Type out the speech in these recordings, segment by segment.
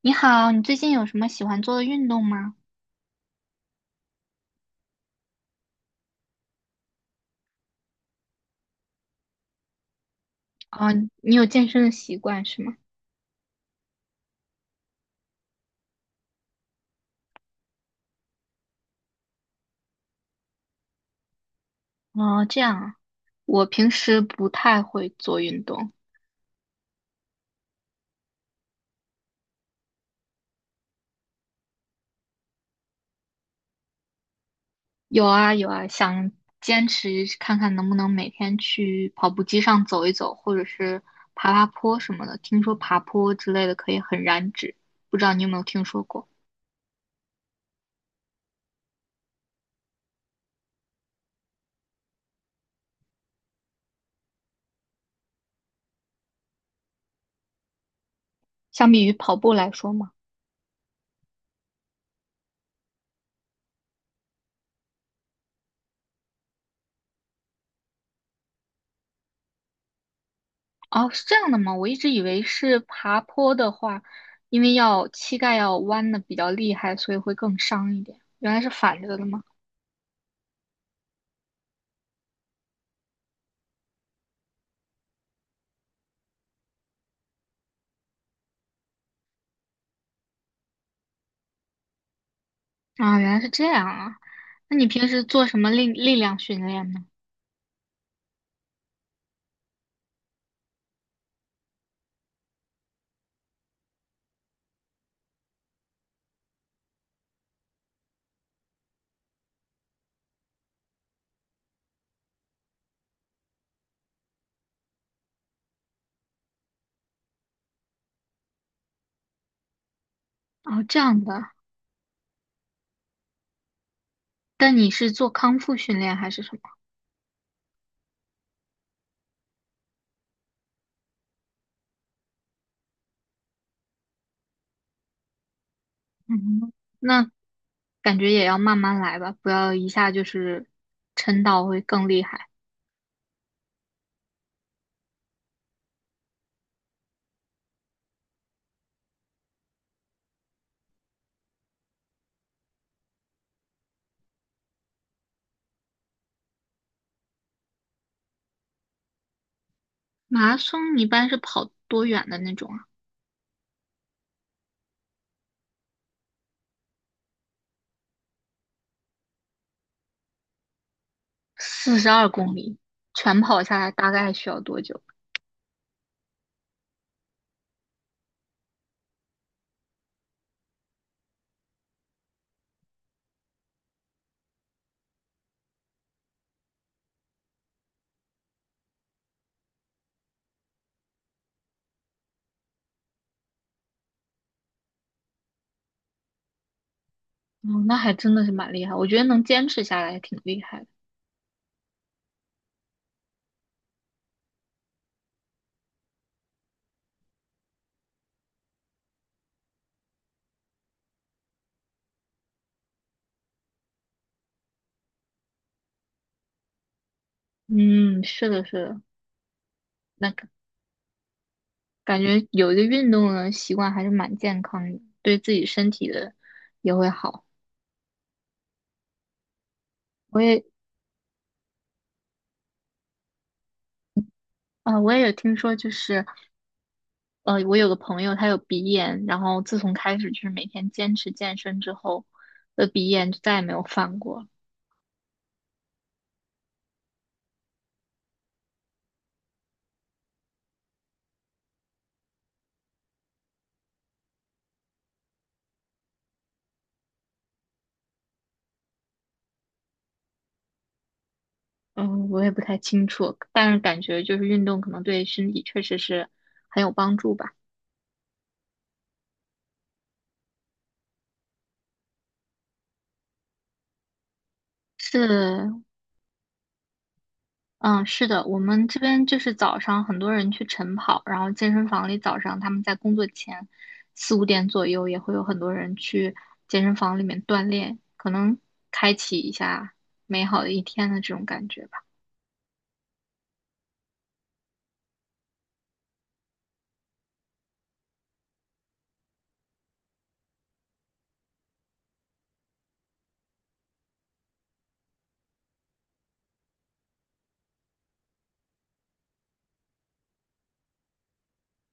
你好，你最近有什么喜欢做的运动吗？哦，你有健身的习惯是吗？哦，这样啊，我平时不太会做运动。有啊有啊，想坚持看看能不能每天去跑步机上走一走，或者是爬爬坡什么的。听说爬坡之类的可以很燃脂，不知道你有没有听说过？相比于跑步来说嘛。哦，是这样的吗？我一直以为是爬坡的话，因为要膝盖要弯的比较厉害，所以会更伤一点。原来是反着的吗？啊，原来是这样啊。那你平时做什么力量训练呢？哦，这样的。但你是做康复训练还是什么？嗯，那感觉也要慢慢来吧，不要一下就是撑到会更厉害。马拉松一般是跑多远的那种啊？42公里，全跑下来大概需要多久？哦，那还真的是蛮厉害，我觉得能坚持下来还挺厉害的。嗯，是的，是的，那感觉有一个运动的习惯还是蛮健康的，对自己身体的也会好。我也我也有听说，就是我有个朋友他有鼻炎，然后自从开始就是每天坚持健身之后，的鼻炎就再也没有犯过。嗯，我也不太清楚，但是感觉就是运动可能对身体确实是很有帮助吧。是，嗯，是的，我们这边就是早上很多人去晨跑，然后健身房里早上他们在工作前四五点左右也会有很多人去健身房里面锻炼，可能开启一下美好的一天的这种感觉吧。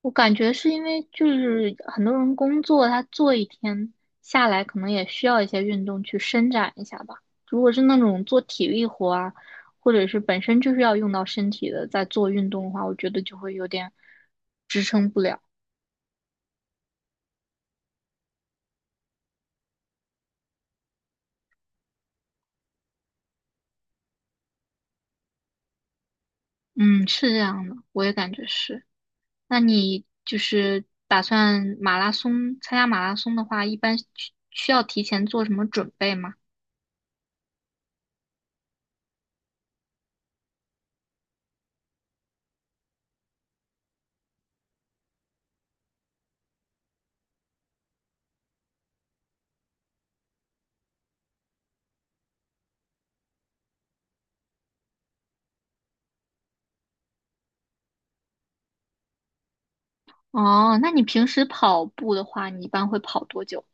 我感觉是因为就是很多人工作，他做一天下来可能也需要一些运动去伸展一下吧。如果是那种做体力活啊，或者是本身就是要用到身体的，在做运动的话，我觉得就会有点支撑不了。嗯，是这样的，我也感觉是。那你就是打算马拉松，参加马拉松的话，一般需要提前做什么准备吗？哦，那你平时跑步的话，你一般会跑多久？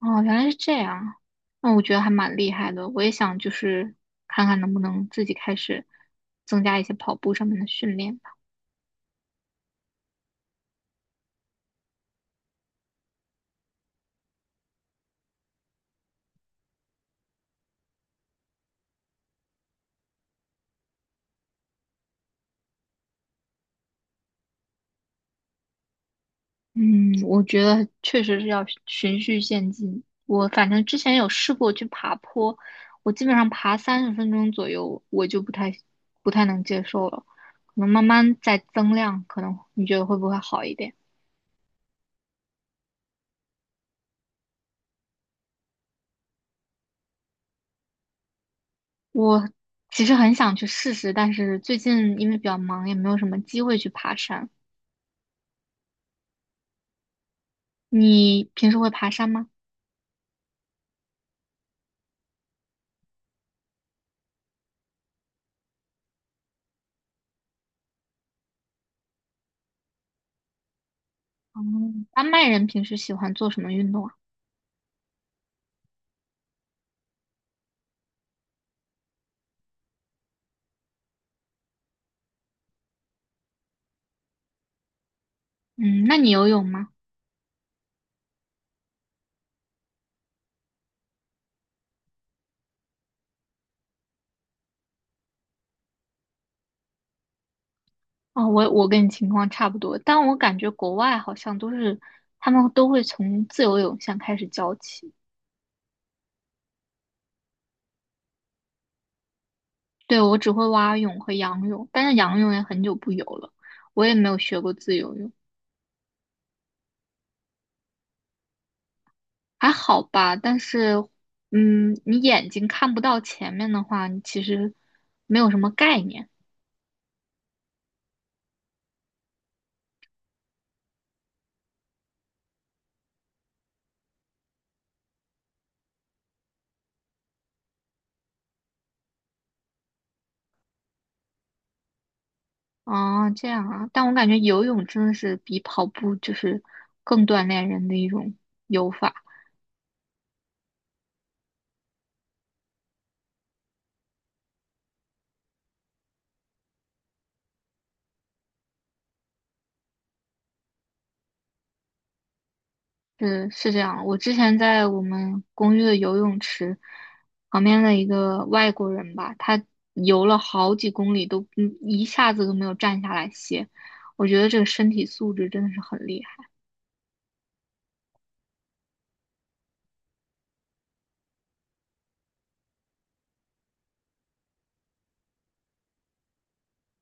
哦，原来是这样，那我觉得还蛮厉害的。我也想就是看看能不能自己开始增加一些跑步上面的训练。嗯，我觉得确实是要循序渐进。我反正之前有试过去爬坡，我基本上爬30分钟左右，我就不太能接受了。可能慢慢再增量，可能你觉得会不会好一点？我其实很想去试试，但是最近因为比较忙，也没有什么机会去爬山。你平时会爬山吗？哦，丹麦人平时喜欢做什么运动啊？嗯，那你游泳吗？哦，我跟你情况差不多，但我感觉国外好像都是他们都会从自由泳先开始教起。对，我只会蛙泳和仰泳，但是仰泳也很久不游了，我也没有学过自由泳，还好吧。但是，嗯，你眼睛看不到前面的话，你其实没有什么概念。啊。这样啊，但我感觉游泳真的是比跑步就是更锻炼人的一种。游法。是这样，我之前在我们公寓的游泳池旁边的一个外国人吧，他游了好几公里都一下子都没有站下来歇，我觉得这个身体素质真的是很厉害。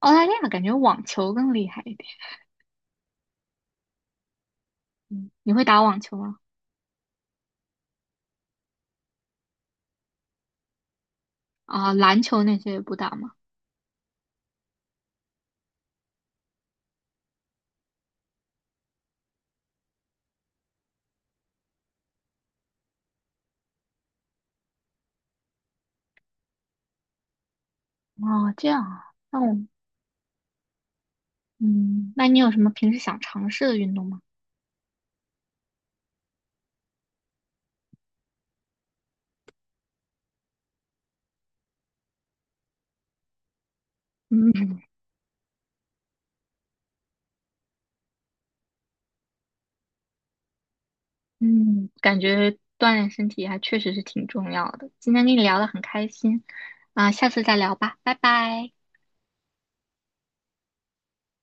澳大利亚感觉网球更厉害一点，嗯，你会打网球吗？啊，篮球那些也不打吗？啊，这样啊，那我嗯，那你有什么平时想尝试的运动吗？嗯。嗯，感觉锻炼身体还确实是挺重要的。今天跟你聊得很开心，啊，下次再聊吧，拜拜。